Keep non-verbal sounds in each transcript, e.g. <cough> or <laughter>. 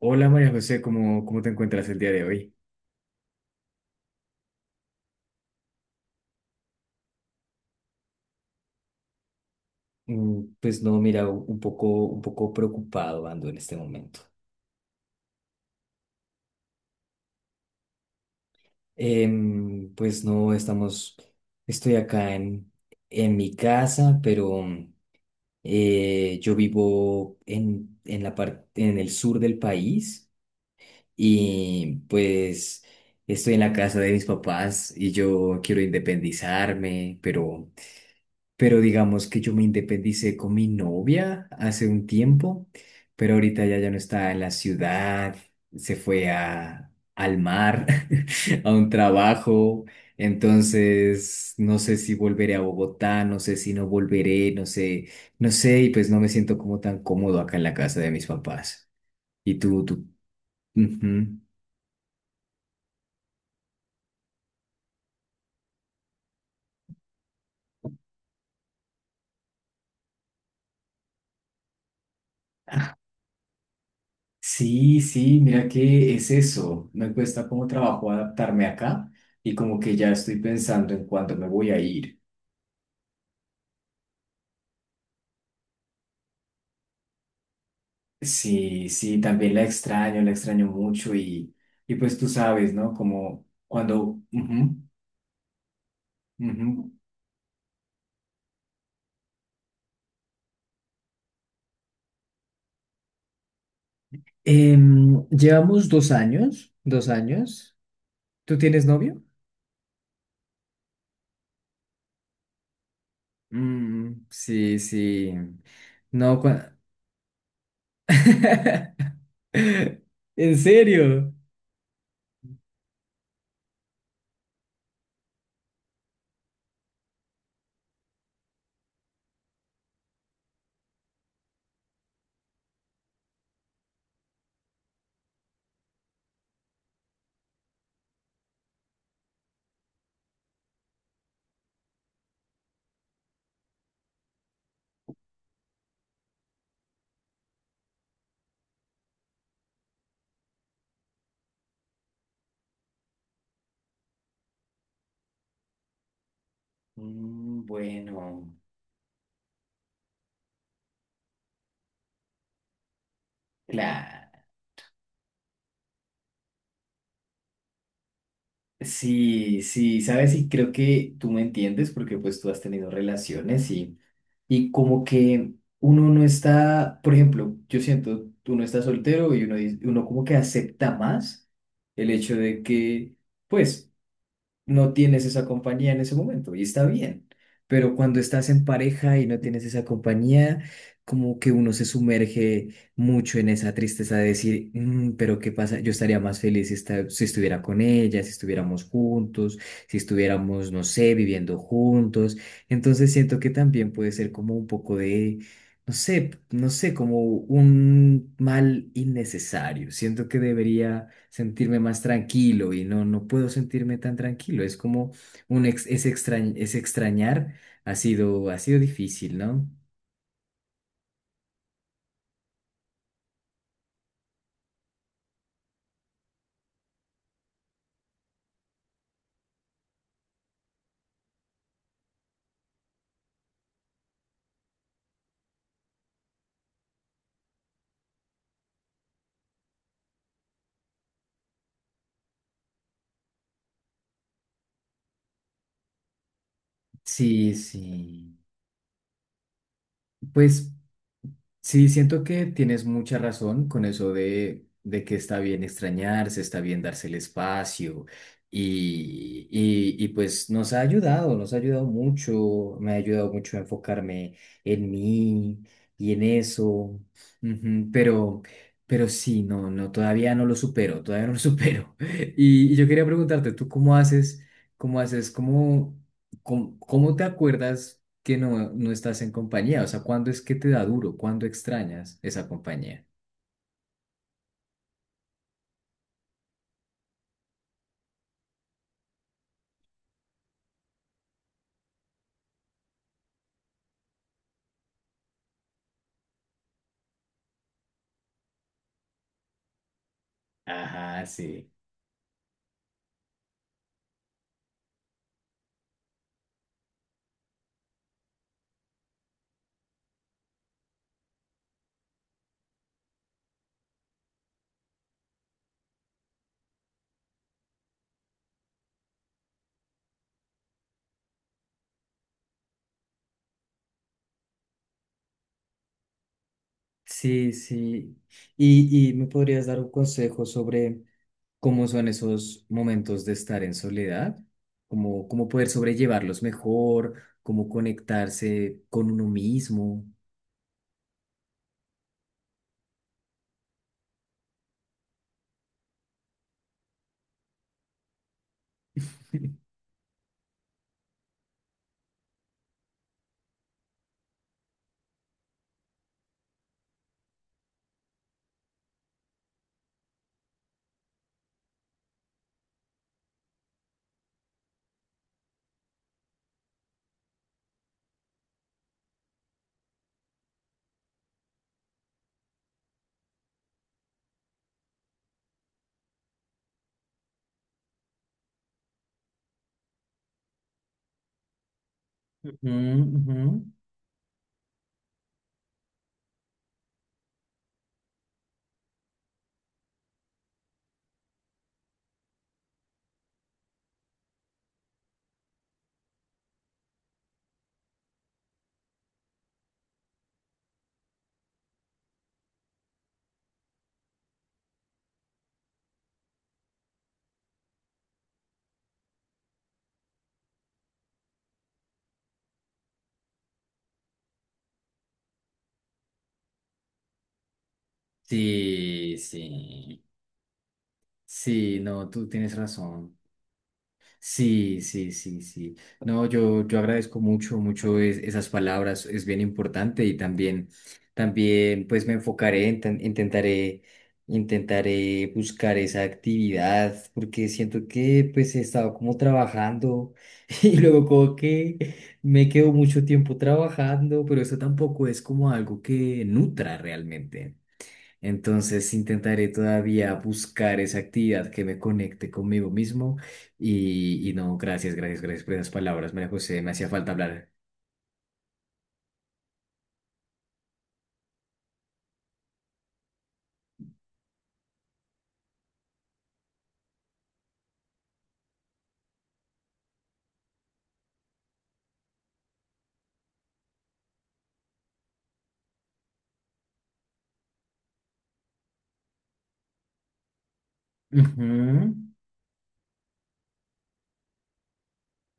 Hola María José, ¿cómo te encuentras el día de hoy? Pues no, mira, un poco preocupado ando en este momento. Pues no, estoy acá en, mi casa, pero yo vivo en la parte, en el sur del país y pues estoy en la casa de mis papás y yo quiero independizarme, pero digamos que yo me independicé con mi novia hace un tiempo, pero ahorita ella ya no está en la ciudad, se fue al mar, <laughs> a un trabajo. Entonces, no sé si volveré a Bogotá, no sé si no volveré, no sé, no sé, y pues no me siento como tan cómodo acá en la casa de mis papás. ¿Y tú, tú? Ujú. Sí, sí, mira que es eso. Me cuesta como trabajo adaptarme acá y como que ya estoy pensando en cuándo me voy a ir. Sí, sí, también la extraño mucho y pues tú sabes, ¿no? Como cuando. Ujú, ujú. Llevamos 2 años, 2 años. ¿Tú tienes novio? Mm, sí, sí. No, <laughs> ¿En serio? Mm, bueno, claro. Sí, sí, sabes, y creo que tú me entiendes porque pues tú has tenido relaciones y como que uno no está, por ejemplo, yo siento, uno está soltero y uno como que acepta más el hecho de que, pues, no tienes esa compañía en ese momento y está bien, pero cuando estás en pareja y no tienes esa compañía, como que uno se sumerge mucho en esa tristeza de decir, "Mm, pero ¿qué pasa? Yo estaría más feliz si, si estuviera con ella, si estuviéramos juntos, si estuviéramos, no sé, viviendo juntos. Entonces siento que también puede ser como un poco de. No sé, no sé, como un mal innecesario. Siento que debería sentirme más tranquilo y no, no puedo sentirme tan tranquilo. Es como un ex, es extrañ- es extrañar, ha sido difícil, ¿no? Sí, sí. Pues. Sí, siento que tienes mucha razón con eso de que está bien extrañarse, está bien darse el espacio y, y pues nos ha ayudado mucho, me ha ayudado mucho a enfocarme en mí y en eso, ujú, pero, sí, no, no, todavía no lo supero, todavía no lo <laughs> supero. Y yo quería preguntarte, ¿tú cómo haces, cómo te acuerdas? Que no, no estás en compañía. O sea, ¿cuándo es que te da duro? ¿Cuándo extrañas esa compañía? Ajá, sí. Sí, sí. ¿Y me podrías dar un consejo sobre cómo son esos momentos de estar en soledad? ¿Cómo poder sobrellevarlos mejor? ¿Cómo conectarse con uno mismo? Ujú, ujú. Sí, sí. Sí, no, tú tienes razón. Sí, sí, sí, sí. No, yo agradezco mucho, mucho esas palabras, es bien importante y también, también pues me enfocaré, intentaré buscar esa actividad porque siento que pues he estado como trabajando <laughs> y luego como que me quedo mucho tiempo trabajando, pero eso tampoco es como algo que nutra realmente. Entonces intentaré todavía buscar esa actividad que me conecte conmigo mismo y no, gracias, gracias, gracias por esas palabras, María José, me hacía falta hablar. Ujú.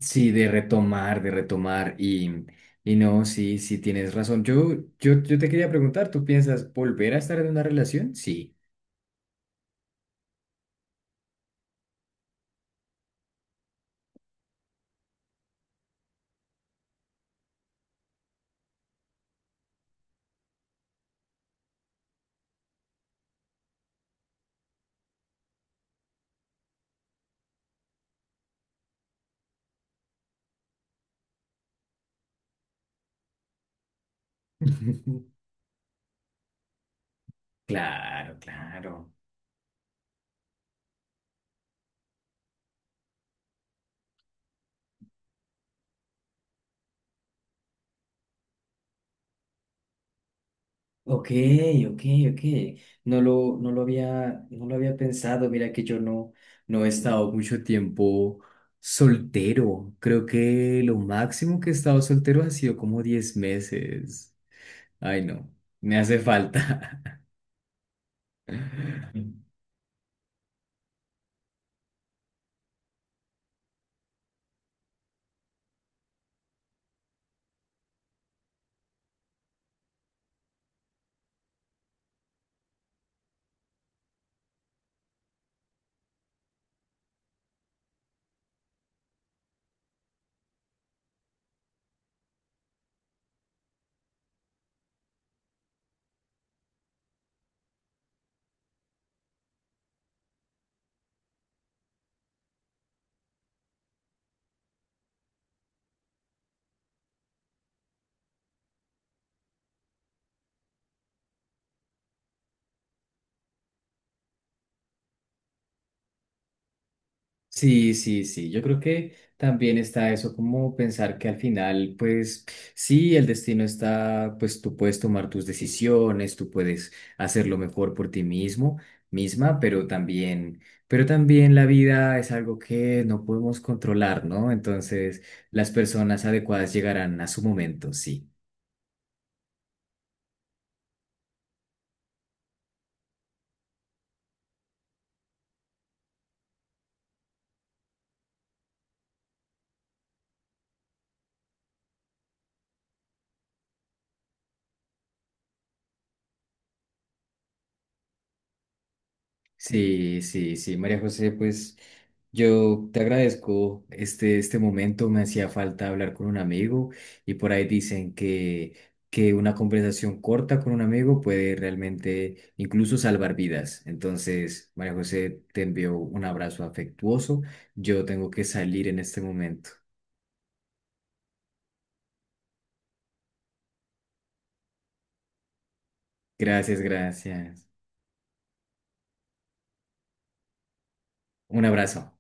Sí, de retomar y no, sí, sí tienes razón. Yo te quería preguntar, ¿tú piensas volver a estar en una relación? Sí. <laughs> Claro, claro. Ok, ok, ok. No lo había pensado. Mira que yo no, no he estado mucho tiempo soltero. Creo que lo máximo que he estado soltero ha sido como 10 meses. Ay, no, me hace falta. <laughs> Sí, sí, sí. Yo creo que también está eso como pensar que al final, pues sí, el destino está, pues tú puedes tomar tus decisiones, tú puedes hacerlo mejor por ti mismo, misma, pero también, la vida es algo que no podemos controlar, ¿no? Entonces, las personas adecuadas llegarán a su momento, sí. Sí, sí, sí, María José, pues yo te agradezco este momento, me hacía falta hablar con un amigo y por ahí dicen que, una conversación corta con un amigo puede realmente incluso salvar vidas. Entonces, María José, te envío un abrazo afectuoso, yo tengo que salir en este momento. Gracias, gracias. Un abrazo.